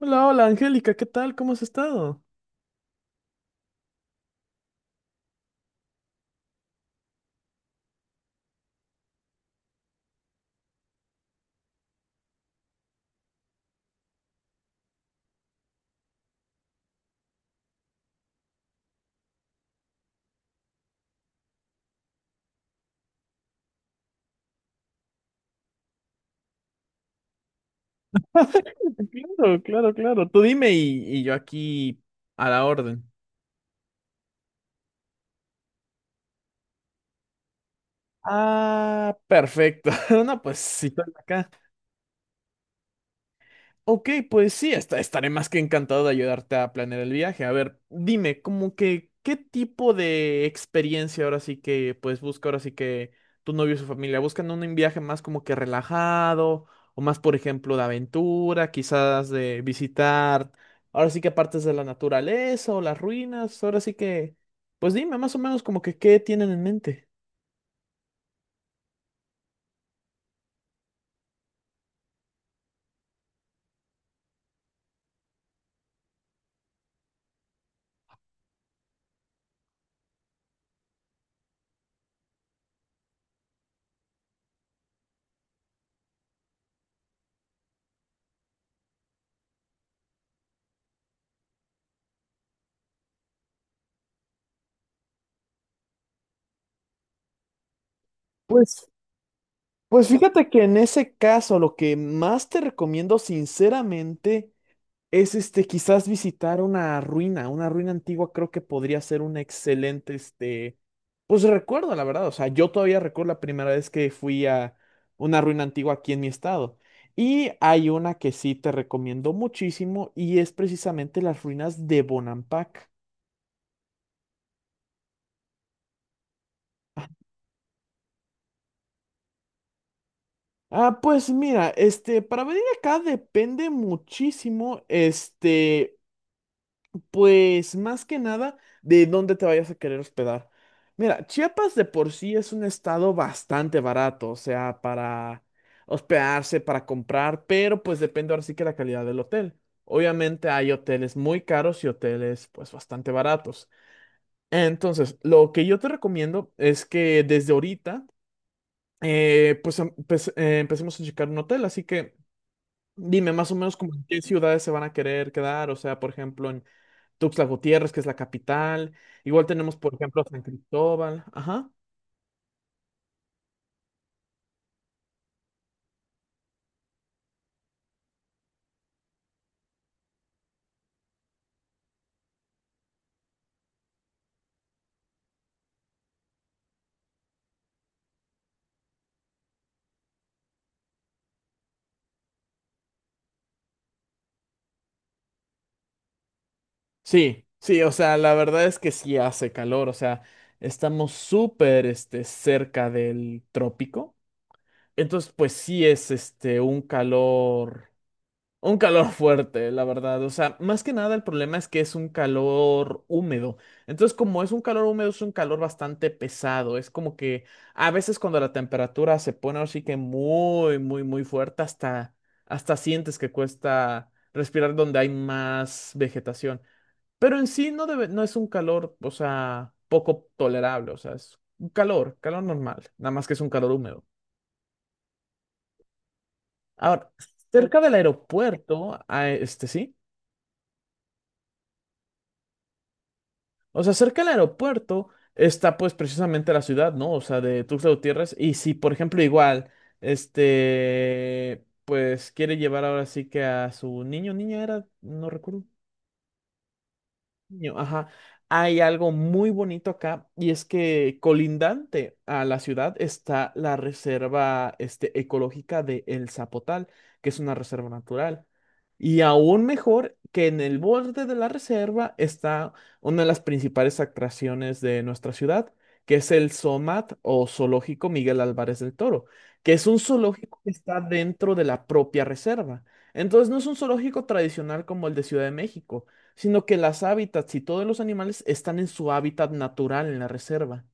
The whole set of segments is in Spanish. Hola, hola, Angélica, ¿qué tal? ¿Cómo has estado? Claro, claro, claro. Tú dime y yo aquí a la orden. Ah, perfecto. No, pues sí, estoy acá. Ok, pues sí, estaré más que encantado de ayudarte a planear el viaje. A ver, dime, como que, ¿qué tipo de experiencia ahora sí que, pues busca ahora sí que tu novio y su familia? ¿Buscan un viaje más como que relajado o más, por ejemplo, de aventura, quizás de visitar, ahora sí que partes de la naturaleza o las ruinas? Ahora sí que, pues dime más o menos como que qué tienen en mente. Pues, pues fíjate que en ese caso lo que más te recomiendo sinceramente es quizás visitar una ruina antigua creo que podría ser un excelente, pues recuerdo, la verdad, o sea, yo todavía recuerdo la primera vez que fui a una ruina antigua aquí en mi estado. Y hay una que sí te recomiendo muchísimo y es precisamente las ruinas de Bonampak. Ah, pues mira, para venir acá depende muchísimo, pues más que nada de dónde te vayas a querer hospedar. Mira, Chiapas de por sí es un estado bastante barato, o sea, para hospedarse, para comprar, pero pues depende ahora sí que la calidad del hotel. Obviamente hay hoteles muy caros y hoteles pues bastante baratos. Entonces, lo que yo te recomiendo es que desde ahorita pues empecemos a checar un hotel, así que dime más o menos como en qué ciudades se van a querer quedar, o sea, por ejemplo, en Tuxtla Gutiérrez, que es la capital. Igual tenemos, por ejemplo, San Cristóbal. Ajá. Sí, sí, o sea, la verdad es que sí hace calor, o sea, estamos súper, cerca del trópico. Entonces, pues sí es, un calor. Un calor fuerte, la verdad. O sea, más que nada el problema es que es un calor húmedo. Entonces, como es un calor húmedo, es un calor bastante pesado. Es como que a veces cuando la temperatura se pone así que muy, muy, muy fuerte, hasta sientes que cuesta respirar donde hay más vegetación. Pero en sí no debe, no es un calor, o sea, poco tolerable. O sea, es un calor, calor normal. Nada más que es un calor húmedo. Ahora, cerca del aeropuerto, ah, este sí. O sea, cerca del aeropuerto está pues precisamente la ciudad, ¿no? O sea, de Tuxtla Gutiérrez. Y si, por ejemplo, igual, pues quiere llevar ahora sí que a su niño, niña era, no recuerdo. Niño, ajá. Hay algo muy bonito acá y es que colindante a la ciudad está la reserva ecológica de El Zapotal, que es una reserva natural. Y aún mejor que en el borde de la reserva está una de las principales atracciones de nuestra ciudad, que es el SOMAT o Zoológico Miguel Álvarez del Toro, que es un zoológico que está dentro de la propia reserva. Entonces no es un zoológico tradicional como el de Ciudad de México, sino que las hábitats y todos los animales están en su hábitat natural en la reserva.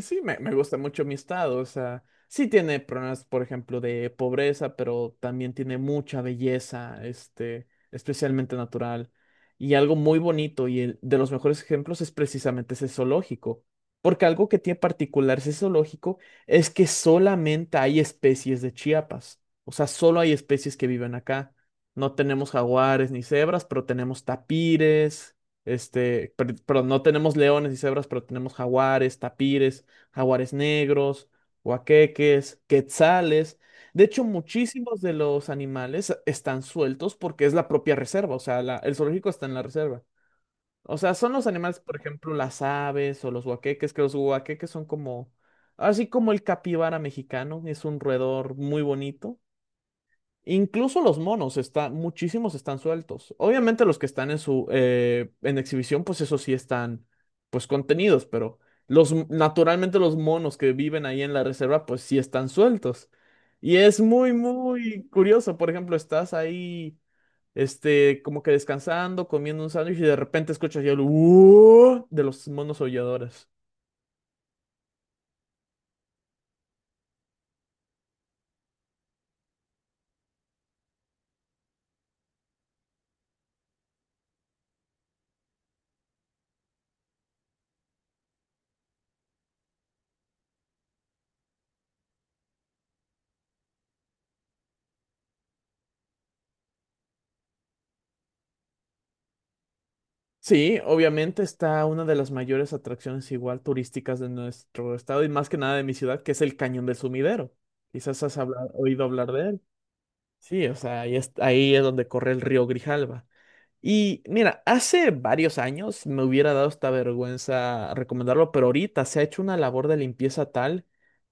Sí, me gusta mucho mi estado, o sea, sí tiene problemas, por ejemplo, de pobreza, pero también tiene mucha belleza, especialmente natural. Y algo muy bonito, y de los mejores ejemplos es precisamente ese zoológico, porque algo que tiene particular ese zoológico es que solamente hay especies de Chiapas, o sea, solo hay especies que viven acá. No tenemos jaguares ni cebras, pero tenemos tapires. Perdón, no tenemos leones y cebras, pero tenemos jaguares, tapires, jaguares negros, huaqueques, quetzales. De hecho, muchísimos de los animales están sueltos porque es la propia reserva, o sea, el zoológico está en la reserva. O sea, son los animales, por ejemplo, las aves o los huaqueques, que los huaqueques son como, así como el capibara mexicano, es un roedor muy bonito. Incluso los monos están, muchísimos están sueltos. Obviamente los que están en su en exhibición, pues eso sí están pues contenidos, pero los naturalmente los monos que viven ahí en la reserva, pues sí están sueltos. Y es muy, muy curioso. Por ejemplo, estás ahí, como que descansando, comiendo un sándwich y de repente escuchas el de los monos aulladores. Sí, obviamente está una de las mayores atracciones igual turísticas de nuestro estado y más que nada de mi ciudad, que es el Cañón del Sumidero. Quizás has oído hablar de él. Sí, o sea, ahí es donde corre el río Grijalva. Y mira, hace varios años me hubiera dado esta vergüenza recomendarlo, pero ahorita se ha hecho una labor de limpieza tal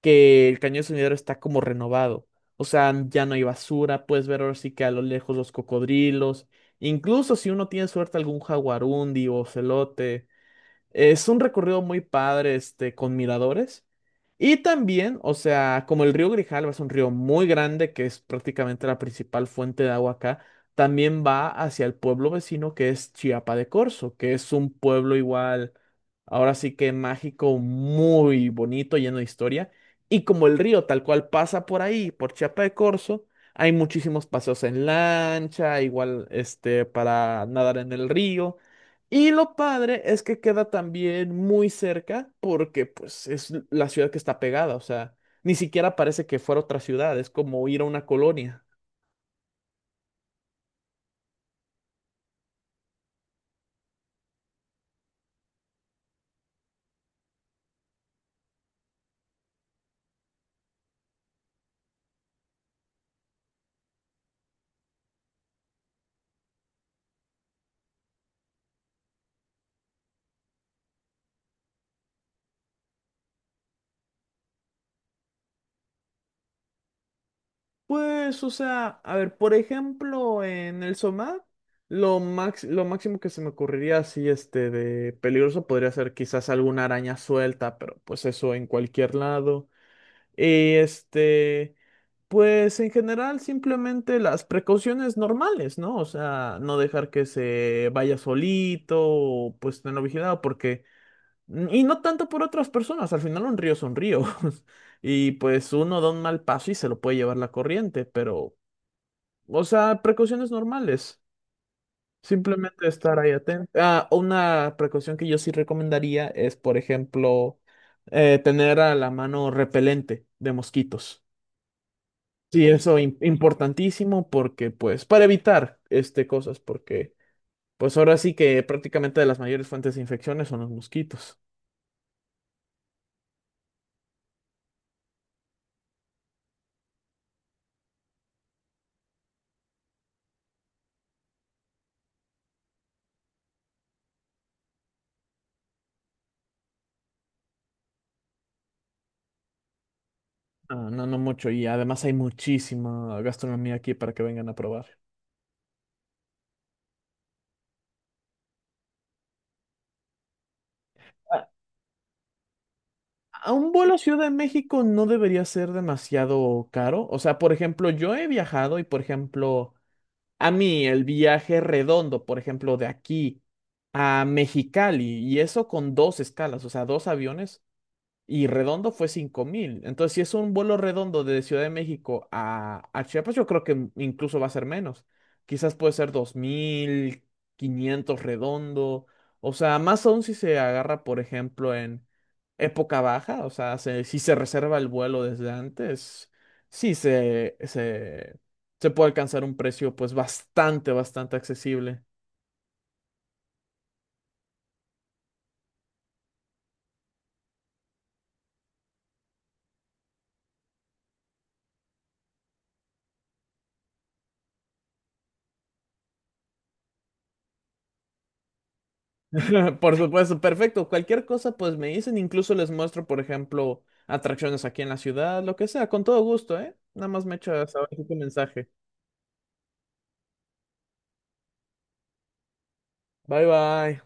que el Cañón del Sumidero está como renovado. O sea, ya no hay basura, puedes ver ahora sí que a lo lejos los cocodrilos. Incluso si uno tiene suerte algún jaguarundi o celote. Es un recorrido muy padre, con miradores. Y también, o sea, como el río Grijalva es un río muy grande, que es prácticamente la principal fuente de agua acá, también va hacia el pueblo vecino que es Chiapa de Corzo, que es un pueblo igual, ahora sí que mágico, muy bonito, lleno de historia. Y como el río tal cual pasa por ahí, por Chiapa de Corzo, hay muchísimos paseos en lancha, igual, para nadar en el río. Y lo padre es que queda también muy cerca porque pues es la ciudad que está pegada, o sea, ni siquiera parece que fuera otra ciudad, es como ir a una colonia. Pues, o sea, a ver, por ejemplo, en el Somat, lo máximo que se me ocurriría así, de peligroso podría ser quizás alguna araña suelta, pero pues eso en cualquier lado. Eh, Este... Pues en general simplemente las precauciones normales, ¿no? O sea, no dejar que se vaya solito, o, pues tenerlo vigilado, porque... y no tanto por otras personas, al final un río son ríos. Y pues uno da un mal paso y se lo puede llevar la corriente, pero... O sea, precauciones normales. Simplemente estar ahí atento. Ah, una precaución que yo sí recomendaría es, por ejemplo, tener a la mano repelente de mosquitos. Sí, eso importantísimo porque, pues, para evitar este cosas, porque, pues, ahora sí que prácticamente de las mayores fuentes de infecciones son los mosquitos. Ah, no, no mucho. Y además hay muchísima gastronomía aquí para que vengan a probar. A, a un vuelo a Ciudad de México no debería ser demasiado caro. O sea, por ejemplo, yo he viajado y, por ejemplo, a mí el viaje redondo, por ejemplo, de aquí a Mexicali, y eso con dos escalas, o sea, dos aviones y redondo fue 5,000. Entonces, si es un vuelo redondo de Ciudad de México a Chiapas, yo creo que incluso va a ser menos. Quizás puede ser 2,500 redondo. O sea, más aún si se agarra, por ejemplo, en época baja. O sea, si se reserva el vuelo desde antes, sí se, se, se puede alcanzar un precio pues bastante, bastante accesible. Por supuesto, perfecto. Cualquier cosa, pues me dicen, incluso les muestro, por ejemplo, atracciones aquí en la ciudad, lo que sea, con todo gusto, ¿eh? Nada más me echas ahora sí tu mensaje. Bye bye.